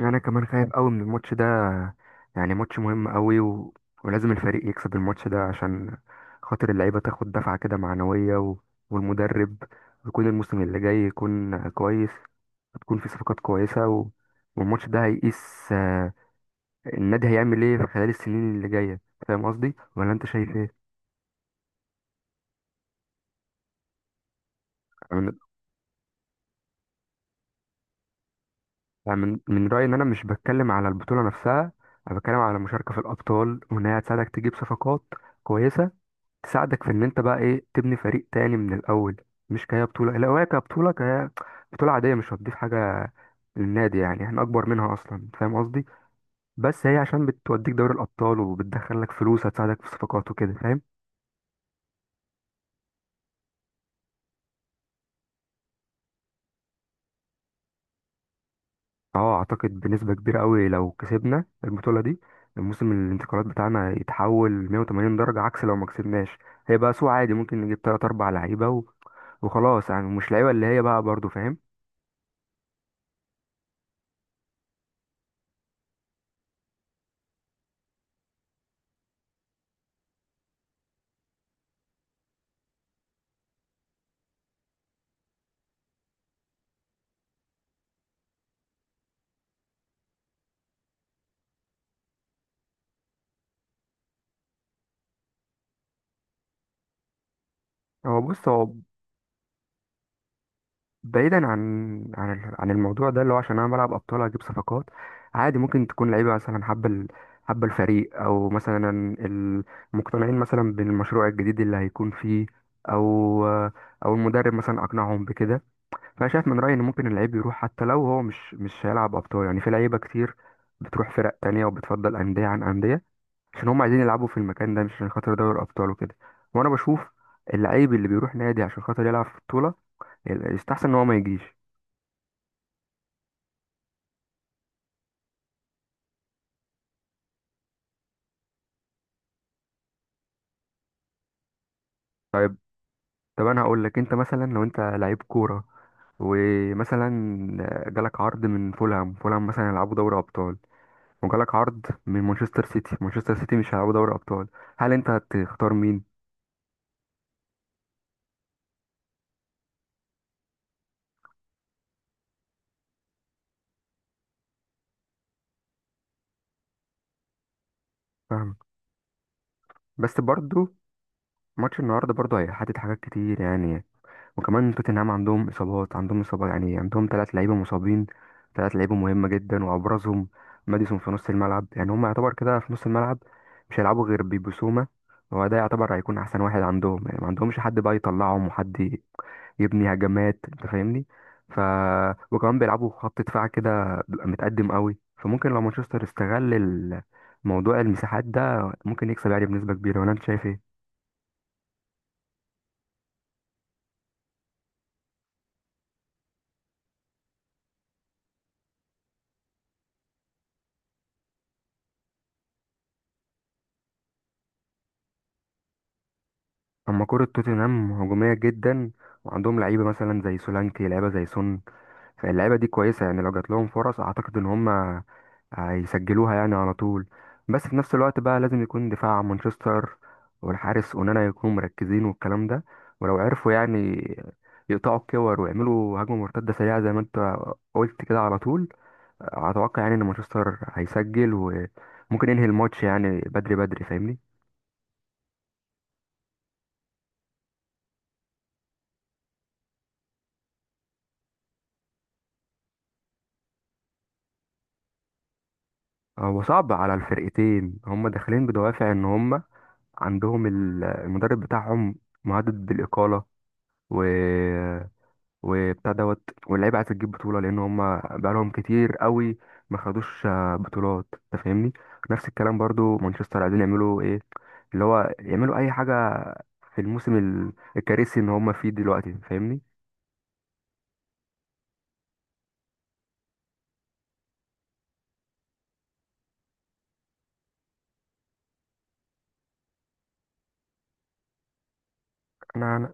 يعني انا كمان خايف قوي من الماتش ده. يعني ماتش مهم قوي. ولازم الفريق يكسب الماتش ده عشان خاطر اللعيبه تاخد دفعه كده معنويه، والمدرب يكون الموسم اللي جاي يكون كويس. هتكون في صفقات كويسه، والماتش ده هيقيس النادي هيعمل ايه في خلال السنين اللي جايه. فاهم قصدي ولا انت شايف ايه؟ أنا من... أنا من رايي ان انا مش بتكلم على البطوله نفسها. انا بتكلم على المشاركه في الابطال، وان هي هتساعدك تجيب صفقات كويسه، تساعدك في ان انت بقى ايه تبني فريق تاني من الاول. مش كهي بطوله، لو هي كبطوله كهي بطوله عاديه مش هتضيف حاجه للنادي. يعني احنا اكبر منها اصلا، أنت فاهم قصدي. بس هي عشان بتوديك دوري الابطال وبتدخل لك فلوس هتساعدك في الصفقات وكده، فاهم. اه، اعتقد بنسبه كبيره قوي لو كسبنا البطوله دي الموسم الانتقالات بتاعنا يتحول 180 درجه عكس لو ما كسبناش. هيبقى سوق عادي ممكن نجيب تلات اربع لعيبه، وخلاص، يعني مش لعيبه اللي هي بقى برضو، فاهم. هو بص، هو بعيدا عن عن الموضوع ده اللي هو عشان انا بلعب ابطال اجيب صفقات. عادي، ممكن تكون لعيبه مثلا حابه الفريق، او مثلا ال- مقتنعين مثلا بالمشروع الجديد اللي هيكون فيه، او المدرب مثلا اقنعهم بكده. فانا شايف من رايي ان ممكن اللعيب يروح حتى لو هو مش هيلعب ابطال. يعني في لعيبه كتير بتروح فرق تانية وبتفضل انديه عن انديه عشان هم عايزين يلعبوا في المكان ده، مش عشان خاطر دوري ابطال وكده. وانا بشوف اللعيب اللي بيروح نادي عشان خاطر يلعب في بطوله يستحسن ان هو ما يجيش. طيب، طب انا هقول لك، انت مثلا لو انت لعيب كوره ومثلا جالك عرض من فولهام، فولهام مثلا يلعبوا دوري ابطال، وجالك عرض من مانشستر سيتي، مانشستر سيتي مش هيلعبوا دوري ابطال، هل انت هتختار مين؟ فاهم. بس برضو ماتش النهارده برضو هيحدد حاجات كتير يعني. وكمان توتنهام عندهم اصابات، عندهم اصابه، يعني عندهم ثلاث لعيبه مصابين، ثلاث لعيبه مهمه جدا، وابرزهم ماديسون في نص الملعب. يعني هم يعتبر كده في نص الملعب مش هيلعبوا غير بيبسوما. هو ده يعتبر هيكون احسن واحد عندهم، يعني ما عندهمش حد بقى يطلعهم وحد يبني هجمات، انت فاهمني. ف وكمان بيلعبوا خط دفاع كده بيبقى متقدم قوي، فممكن لو مانشستر استغل موضوع المساحات ده ممكن يكسب يعني بنسبه كبيره، ولا انت شايف ايه؟ اما كرة توتنهام هجومية جدا، وعندهم لعيبة مثلا زي سولانكي، لعيبة زي سون. فاللعيبة دي كويسة، يعني لو جات لهم فرص اعتقد ان هم هيسجلوها يعني على طول. بس في نفس الوقت بقى لازم يكون دفاع مانشستر والحارس اونانا يكونوا مركزين والكلام ده. ولو عرفوا يعني يقطعوا الكور ويعملوا هجمة مرتدة سريعة زي ما انت قلت كده على طول، اتوقع يعني ان مانشستر هيسجل وممكن ينهي الماتش يعني بدري بدري، فاهمني. هو صعب على الفرقتين، هم داخلين بدوافع ان هم عندهم المدرب بتاعهم مهدد بالإقالة، و وبتاع دوت، واللعيبة عايزة تجيب بطولة لأن هم بقالهم كتير قوي ما خدوش بطولات، أنت فاهمني. نفس الكلام برضو مانشستر عايزين يعملوا إيه، اللي هو يعملوا أي حاجة في الموسم الكارثي إن هم فيه دلوقتي، فاهمني. أنا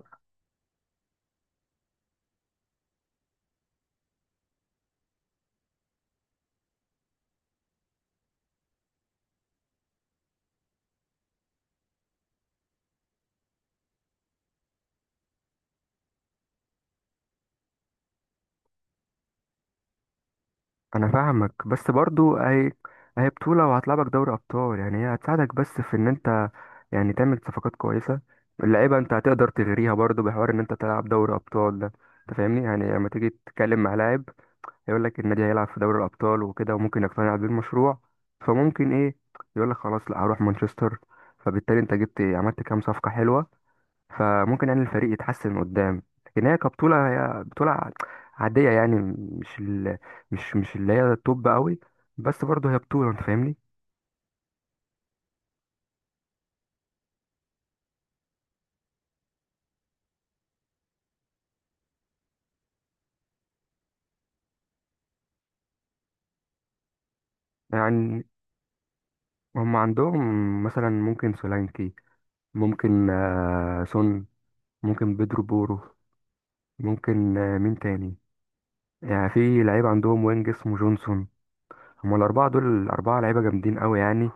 انا فاهمك. بس برضو اهي، اهي بطولة وهتلعبك دوري ابطال، يعني هي هتساعدك بس في ان انت يعني تعمل صفقات كويسة. اللعيبة انت هتقدر تغريها برضو بحوار ان انت تلعب دوري ابطال ده، انت فاهمني. يعني لما تيجي تتكلم مع لاعب هيقول لك النادي هيلعب في دوري الابطال وكده، وممكن يقتنع بالمشروع. فممكن ايه يقول لك خلاص لا، هروح مانشستر. فبالتالي انت جبت عملت كام صفقة حلوة، فممكن يعني الفريق يتحسن قدام. لكن هي كبطولة، هي بطولة عادية، يعني مش اللي هي توب قوي، بس برضه هي بطولة، انت فاهمني. يعني هم عندهم مثلا ممكن سولانكي، ممكن سون، ممكن بيدرو بورو، ممكن مين تاني، يعني في لعيب عندهم وينج اسمه جونسون. هم الأربعة دول، الأربعة لعيبة جامدين قوي يعني.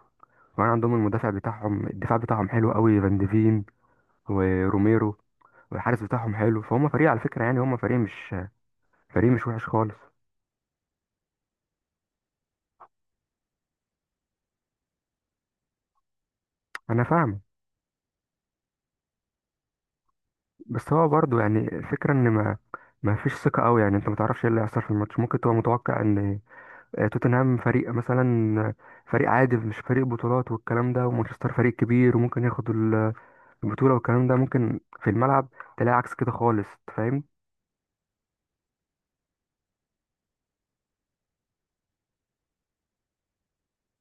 وكمان عندهم المدافع بتاعهم، الدفاع بتاعهم حلو قوي، فان ديفين وروميرو، والحارس بتاعهم حلو. فهم فريق على فكرة، يعني هم فريق مش وحش خالص. انا فاهم. بس هو برضو يعني الفكرة ان ما فيش ثقة قوي، يعني انت ما تعرفش ايه اللي هيحصل في الماتش. ممكن تبقى متوقع ان توتنهام فريق مثلا، آه، فريق عادي مش فريق بطولات والكلام ده، ومانشستر فريق كبير وممكن ياخد البطولة والكلام ده، ممكن في الملعب تلاقي عكس كده خالص، أنت فاهم.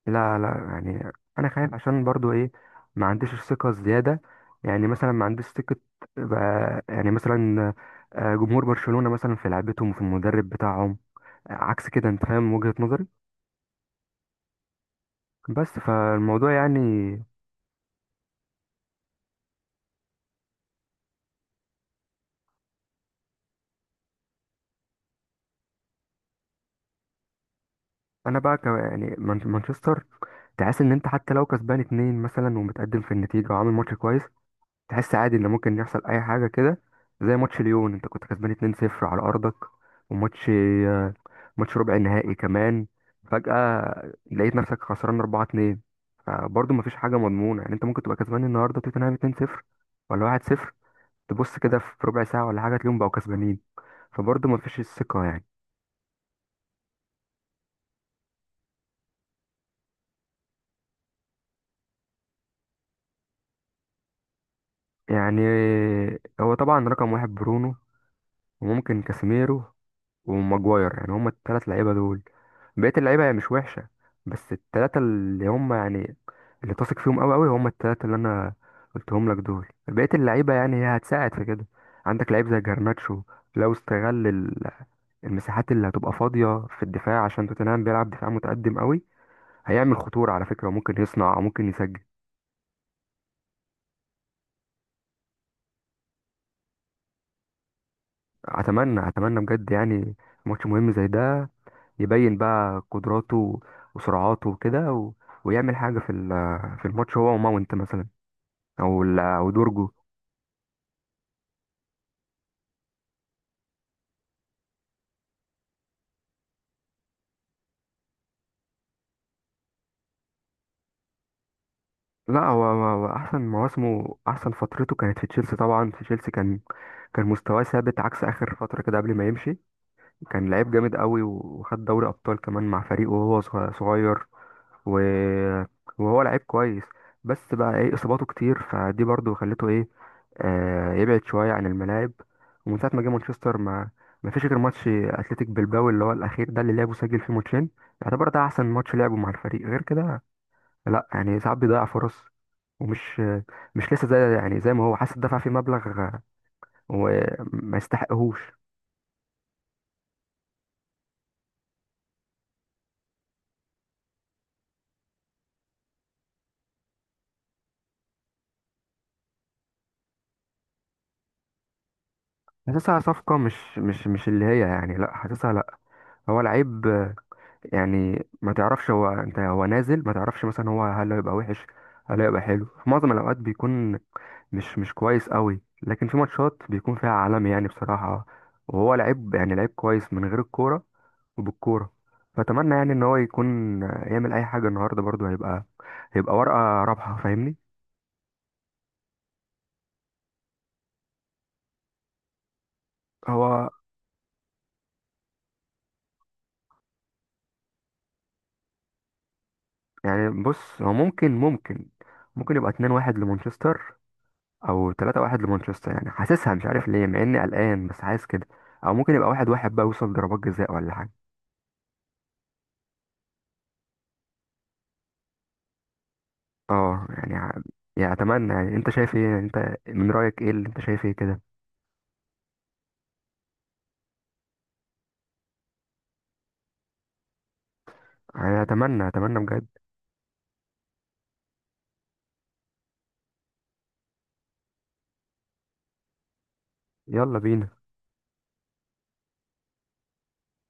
لا لا، يعني انا خايف عشان برضو ايه، ما عنديش الثقه الزياده. يعني مثلا ما عنديش ثقه يعني مثلا جمهور برشلونه مثلا في لعبتهم وفي المدرب بتاعهم عكس كده، انت فاهم وجهه نظري. بس فالموضوع يعني، انا بقى يعني مانشستر، تحس ان انت حتى لو كسبان اتنين مثلا ومتقدم في النتيجه وعامل ماتش كويس، تحس عادي ان ممكن يحصل اي حاجه كده. زي ماتش ليون، انت كنت كسبان 2-0 على ارضك وماتش ماتش ربع نهائي كمان، فجاه لقيت نفسك خسران 4-2. فبرضه مفيش حاجه مضمونه، يعني انت ممكن تبقى كسبان النهارده توتنهام 2-0 ولا 1-0، تبص كده في ربع ساعه ولا حاجه تلاقيهم بقوا كسبانين. فبرضه مفيش الثقه يعني. يعني هو طبعا رقم واحد برونو، وممكن كاسيميرو وماجواير، يعني هما التلات لعيبة دول. بقية اللعيبة هي مش وحشة، بس التلاتة اللي هما يعني اللي تثق فيهم أوي أوي هما التلاتة اللي أنا قلتهم لك دول. بقية اللعيبة يعني هي هتساعد في كده. عندك لعيب زي جرناتشو، لو استغل المساحات اللي هتبقى فاضية في الدفاع عشان توتنهام بيلعب دفاع متقدم أوي، هيعمل خطورة على فكرة، وممكن يصنع وممكن يسجل. أتمنى أتمنى بجد، يعني ماتش مهم زي ده يبين بقى قدراته وسرعاته وكده، ويعمل حاجة في في الماتش، هو وماونت مثلا، أو أو دورجو. لا، هو هو أحسن مواسمه، أحسن فترته كانت في تشيلسي. طبعا في تشيلسي كان، كان مستواه ثابت عكس آخر فترة كده قبل ما يمشي. كان لعيب جامد قوي وخد دوري أبطال كمان مع فريقه وهو صغير و... وهو لعيب كويس. بس بقى ايه، اصاباته كتير فدي برضو خلته ايه يبعد شوية عن الملاعب. ومن ساعة ما جه مانشستر ما فيش غير ماتش أتلتيك بلباو اللي هو الأخير ده اللي لعبه، سجل فيه ماتشين. يعتبر ده أحسن ماتش لعبه مع الفريق، غير كده لأ. يعني ساعات بيضيع فرص، ومش مش لسه زي يعني زي ما هو حاسس، دفع فيه مبلغ وما يستحقهوش. حاسسها صفقة مش اللي هي يعني، لأ حاسسها لأ. هو لعيب، يعني ما تعرفش هو، انت هو نازل ما تعرفش مثلا هو، هل هيبقى وحش هل هيبقى حلو. في معظم الاوقات بيكون مش كويس قوي، لكن في ماتشات بيكون فيها عالمي يعني بصراحة. وهو لعيب، يعني لعيب كويس من غير الكورة وبالكورة. فأتمنى يعني إن هو يكون يعمل أي حاجة النهاردة، برضه هيبقى ورقة رابحة، فاهمني. هو يعني بص، هو ممكن يبقى 2-1 لمانشستر او 3-1 لمانشستر، يعني حاسسها مش عارف ليه، مع اني قلقان بس حاسس كده. او ممكن يبقى 1-1 بقى يوصل ضربات جزاء ولا حاجة. اه، يعني يعني اتمنى، يعني انت شايف ايه، انت من رأيك ايه، اللي انت شايف ايه كده. يعني اتمنى اتمنى بجد. يلا بينا.